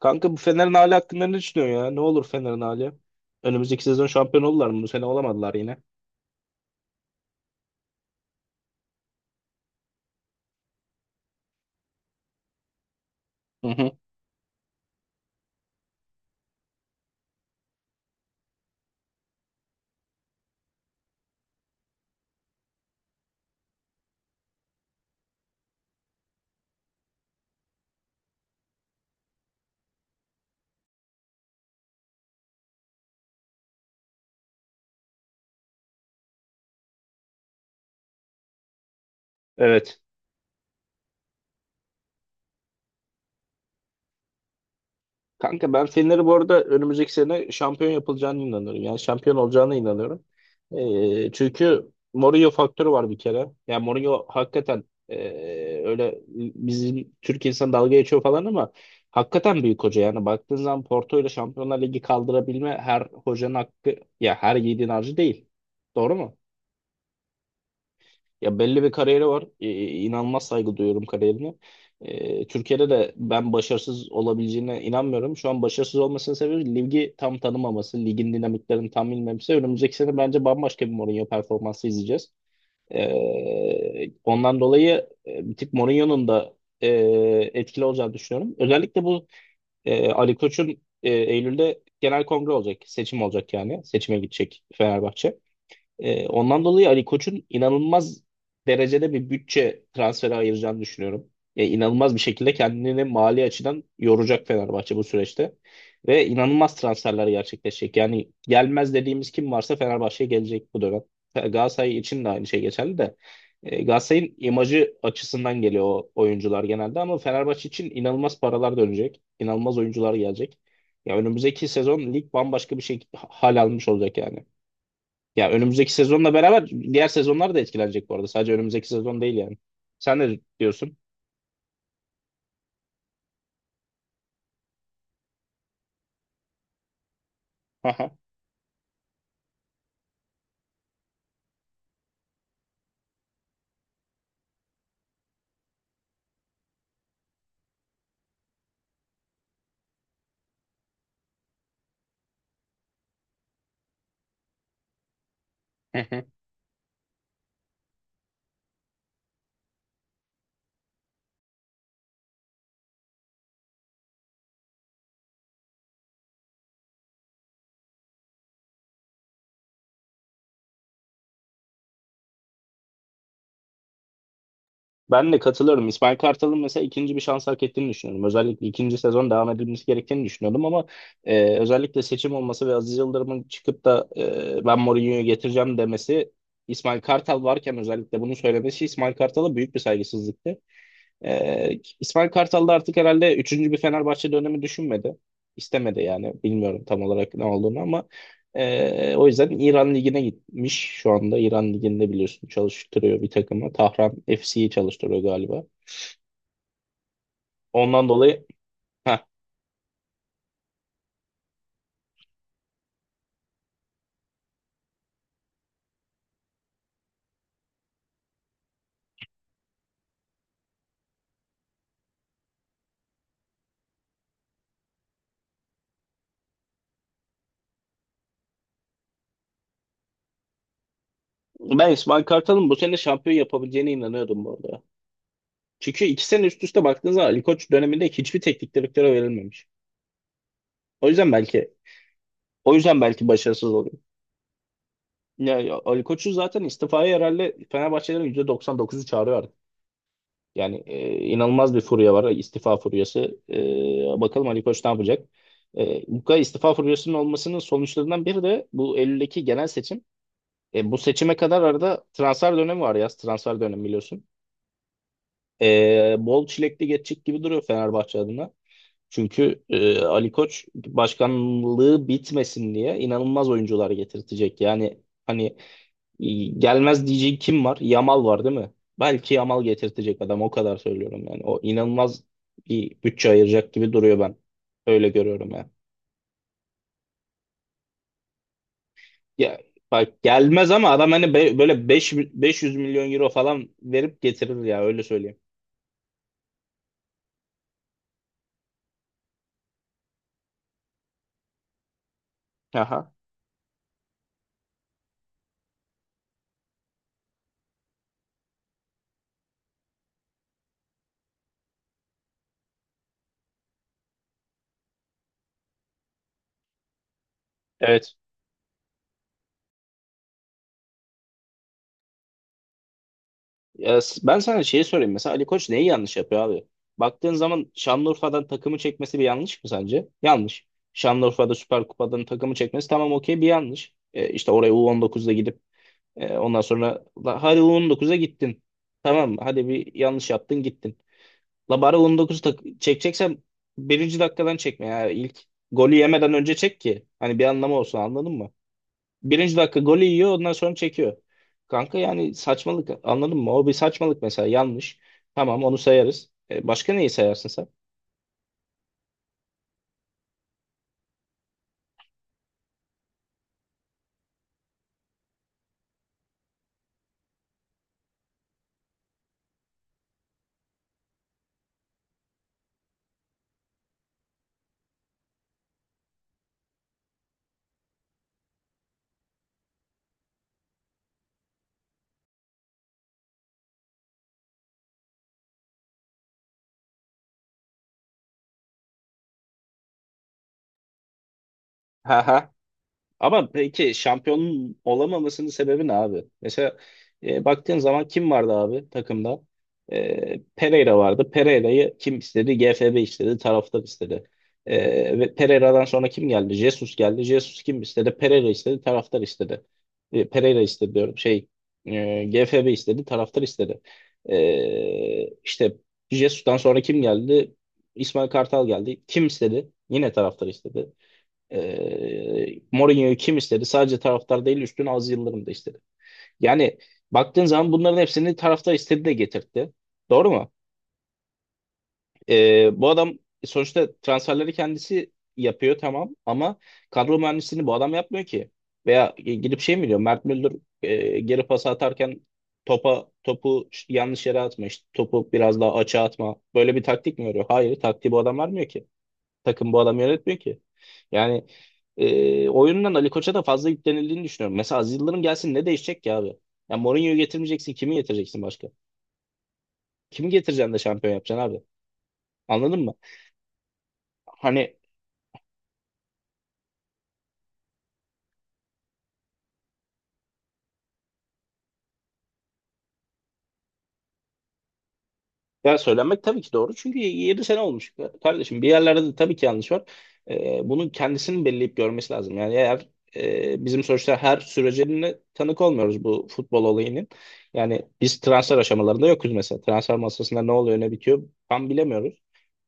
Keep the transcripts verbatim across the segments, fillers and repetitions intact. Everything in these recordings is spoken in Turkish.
Kanka bu Fener'in hali hakkında ne düşünüyorsun ya? Ne olur Fener'in hali? Önümüzdeki sezon şampiyon oldular mı? Bu sene olamadılar yine. Hı hı. Evet. Kanka ben Fener'i bu arada önümüzdeki sene şampiyon yapılacağına inanıyorum. Yani şampiyon olacağına inanıyorum. Ee, çünkü Mourinho faktörü var bir kere. Yani Mourinho hakikaten ee, öyle bizim Türk insan dalga geçiyor falan ama hakikaten büyük hoca. Yani baktığın zaman Porto ile Şampiyonlar Ligi kaldırabilme her hocanın hakkı ya her yiğidin harcı değil. Doğru mu? Ya belli bir kariyeri var. Ee, inanılmaz saygı duyuyorum kariyerine. Ee, Türkiye'de de ben başarısız olabileceğine inanmıyorum. Şu an başarısız olmasının sebebi ligi tam tanımaması, ligin dinamiklerini tam bilmemesi. Önümüzdeki sene bence bambaşka bir Mourinho performansı izleyeceğiz. Ee, ondan dolayı e, bir tık Mourinho'nun da e, etkili olacağını düşünüyorum. Özellikle bu e, Ali Koç'un e, Eylül'de genel kongre olacak, seçim olacak yani. Seçime gidecek Fenerbahçe. Ee, ondan dolayı Ali Koç'un inanılmaz derecede bir bütçe transferi ayıracağını düşünüyorum. Yani inanılmaz bir şekilde kendini mali açıdan yoracak Fenerbahçe bu süreçte. Ve inanılmaz transferler gerçekleşecek. Yani gelmez dediğimiz kim varsa Fenerbahçe'ye gelecek bu dönem. Galatasaray için de aynı şey geçerli de. Ee, Galatasaray'ın imajı açısından geliyor o oyuncular genelde ama Fenerbahçe için inanılmaz paralar dönecek. İnanılmaz oyuncular gelecek. Ya önümüzdeki sezon lig bambaşka bir şey hal almış olacak yani. Ya önümüzdeki sezonla beraber diğer sezonlar da etkilenecek bu arada. Sadece önümüzdeki sezon değil yani. Sen ne diyorsun? Aha. Hı hı. Ben de katılıyorum. İsmail Kartal'ın mesela ikinci bir şans hak ettiğini düşünüyorum. Özellikle ikinci sezon devam edilmesi gerektiğini düşünüyordum ama e, özellikle seçim olması ve Aziz Yıldırım'ın çıkıp da e, ben Mourinho'yu getireceğim demesi İsmail Kartal varken özellikle bunu söylemesi İsmail Kartal'a büyük bir saygısızlıktı. Ee, İsmail Kartal da artık herhalde üçüncü bir Fenerbahçe dönemi düşünmedi. İstemedi yani. Bilmiyorum tam olarak ne olduğunu ama ee, o yüzden İran Ligi'ne gitmiş şu anda. İran Ligi'nde biliyorsun çalıştırıyor bir takımı. Tahran F C'yi çalıştırıyor galiba. Ondan dolayı heh, ben İsmail Kartal'ın bu sene şampiyon yapabileceğine inanıyordum bu arada. Çünkü iki sene üst üste baktığınız zaman Ali Koç döneminde hiçbir teknik direktöre verilmemiş. O yüzden belki o yüzden belki başarısız oluyor. Ya, ya Ali Koç'u zaten istifaya herhalde Fenerbahçelerin yüzde doksan dokuzu çağırıyor artık. Yani e, inanılmaz bir furya var, istifa furyası. E, bakalım Ali Koç ne yapacak? E, bu kadar istifa furyasının olmasının sonuçlarından biri de bu Eylül'deki genel seçim. E, bu seçime kadar arada transfer dönemi var yaz. Transfer dönemi biliyorsun. E, bol çilekli geçecek gibi duruyor Fenerbahçe adına. Çünkü e, Ali Koç başkanlığı bitmesin diye inanılmaz oyuncular getirtecek. Yani hani gelmez diyeceği kim var? Yamal var değil mi? Belki Yamal getirtecek adam o kadar söylüyorum yani. O inanılmaz bir bütçe ayıracak gibi duruyor ben. Öyle görüyorum yani. Ya, bak gelmez ama adam hani be- böyle beş beş yüz milyon euro falan verip getirir ya öyle söyleyeyim. Aha. Evet. Ya, s- ben sana şeyi sorayım mesela Ali Koç neyi yanlış yapıyor abi? Baktığın zaman Şanlıurfa'dan takımı çekmesi bir yanlış mı sence? Yanlış. Şanlıurfa'da Süper Kupa'dan takımı çekmesi tamam okey bir yanlış. E, işte oraya U on dokuzda gidip Ee, ondan sonra la, hadi U on dokuza gittin. Tamam mı? Hadi bir yanlış yaptın gittin. La bari U on dokuz tak- çekeceksen birinci dakikadan çekme ya. İlk golü yemeden önce çek ki. Hani bir anlamı olsun anladın mı? Birinci dakika golü yiyor ondan sonra çekiyor. Kanka yani saçmalık anladın mı? O bir saçmalık mesela yanlış. Tamam onu sayarız. E, başka neyi sayarsın sen? Ama peki şampiyonun olamamasının sebebi ne abi? Mesela e, baktığın zaman kim vardı abi takımda? E, Pereira vardı. Pereira'yı kim istedi? G F B istedi. Taraftar istedi. E, ve Pereira'dan sonra kim geldi? Jesus geldi. Jesus kim istedi? Pereira istedi. Taraftar istedi. E, Pereira istedi diyorum. Şey e, G F B istedi. Taraftar istedi. E, işte Jesus'tan sonra kim geldi? İsmail Kartal geldi. Kim istedi? Yine taraftar istedi. Ee, Mourinho'yu kim istedi? Sadece taraftar değil üstüne Aziz Yıldırım da istedi. Yani baktığın zaman bunların hepsini taraftar istedi de getirtti. Doğru mu? Ee, bu adam sonuçta transferleri kendisi yapıyor tamam ama kadro mühendisliğini bu adam yapmıyor ki. Veya e, gidip şey mi diyor? Mert Müldür e, geri pas atarken topa topu yanlış yere atma işte topu biraz daha açığa atma. Böyle bir taktik mi veriyor? Hayır taktiği bu adam vermiyor ki. Takım bu adam yönetmiyor ki. Yani e, oyundan Ali Koç'a da fazla yüklenildiğini düşünüyorum. Mesela Aziz Yıldırım gelsin ne değişecek ki abi? Ya Mourinho'yu getirmeyeceksin kimi getireceksin başka? Kimi getireceksin de şampiyon yapacaksın abi? Anladın mı? Hani ya söylenmek tabii ki doğru çünkü yedi sene olmuş kardeşim. Bir yerlerde de tabii ki yanlış var. E, bunun kendisinin belleyip görmesi lazım. Yani eğer e, bizim sonuçta her sürecine tanık olmuyoruz bu futbol olayının. Yani biz transfer aşamalarında yokuz mesela. Transfer masasında ne oluyor ne bitiyor tam bilemiyoruz.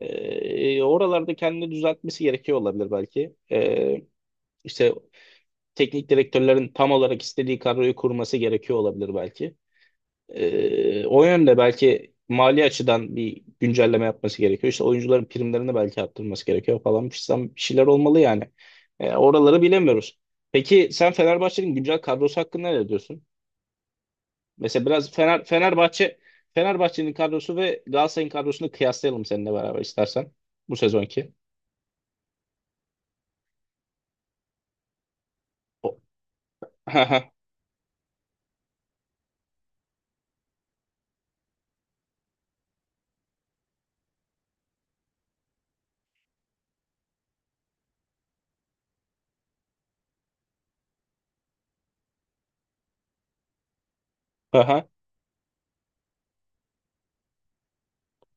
Ee, oralarda kendini düzeltmesi gerekiyor olabilir belki. Ee, işte teknik direktörlerin tam olarak istediği kadroyu kurması gerekiyor olabilir belki. Ee, o yönde belki mali açıdan bir güncelleme yapması gerekiyor. İşte oyuncuların primlerini belki arttırması gerekiyor falan. Bir bir şeyler olmalı yani. Ee, oraları bilemiyoruz. Peki sen Fenerbahçe'nin güncel kadrosu hakkında ne diyorsun? Mesela biraz Fener, Fenerbahçe Fenerbahçe'nin kadrosu ve Galatasaray'ın kadrosunu kıyaslayalım seninle beraber istersen bu sezonki. O- Aha.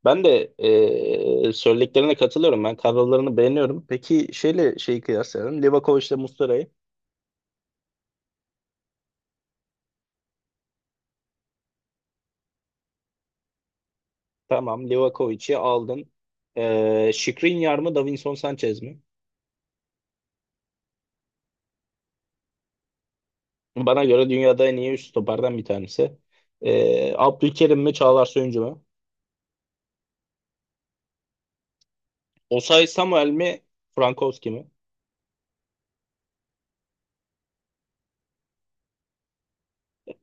Ben de eee söylediklerine katılıyorum. Ben kadrolarını beğeniyorum. Peki şeyle şeyi kıyaslayalım. Livakovic'le Muslera'yı. Tamam, Livakovic'i aldın. Eee Skriniar mı, Davinson Sanchez mi? Bana göre dünyada en iyi üst stoperden bir tanesi. Eee Abdülkerim mi, Çağlar Söyüncü mü? Osay Samuel mi, Frankowski mi?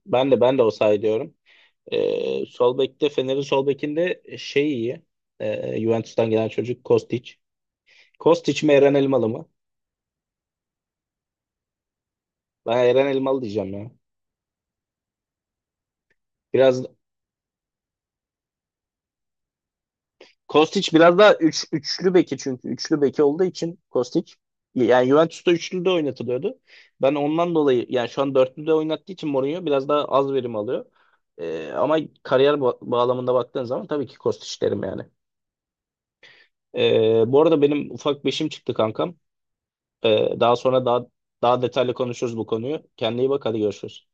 Ben de ben de Osay diyorum. Eee sol bekte Fener'in sol bekinde şey iyi. Eee Juventus'tan gelen çocuk Kostic. Kostic mi, Eren Elmalı mı? Ben Eren Elmalı diyeceğim ya. Biraz Kostić biraz daha üç, üçlü beki çünkü üçlü beki olduğu için Kostić yani Juventus'ta üçlü de oynatılıyordu. Ben ondan dolayı yani şu an dörtlü de oynattığı için Mourinho biraz daha az verim alıyor. Ee, ama kariyer ba- bağlamında baktığın zaman tabii ki Kostić derim yani. Ee, bu arada benim ufak beşim çıktı kankam. Ee, daha sonra daha daha detaylı konuşuruz bu konuyu. Kendine iyi bak hadi görüşürüz.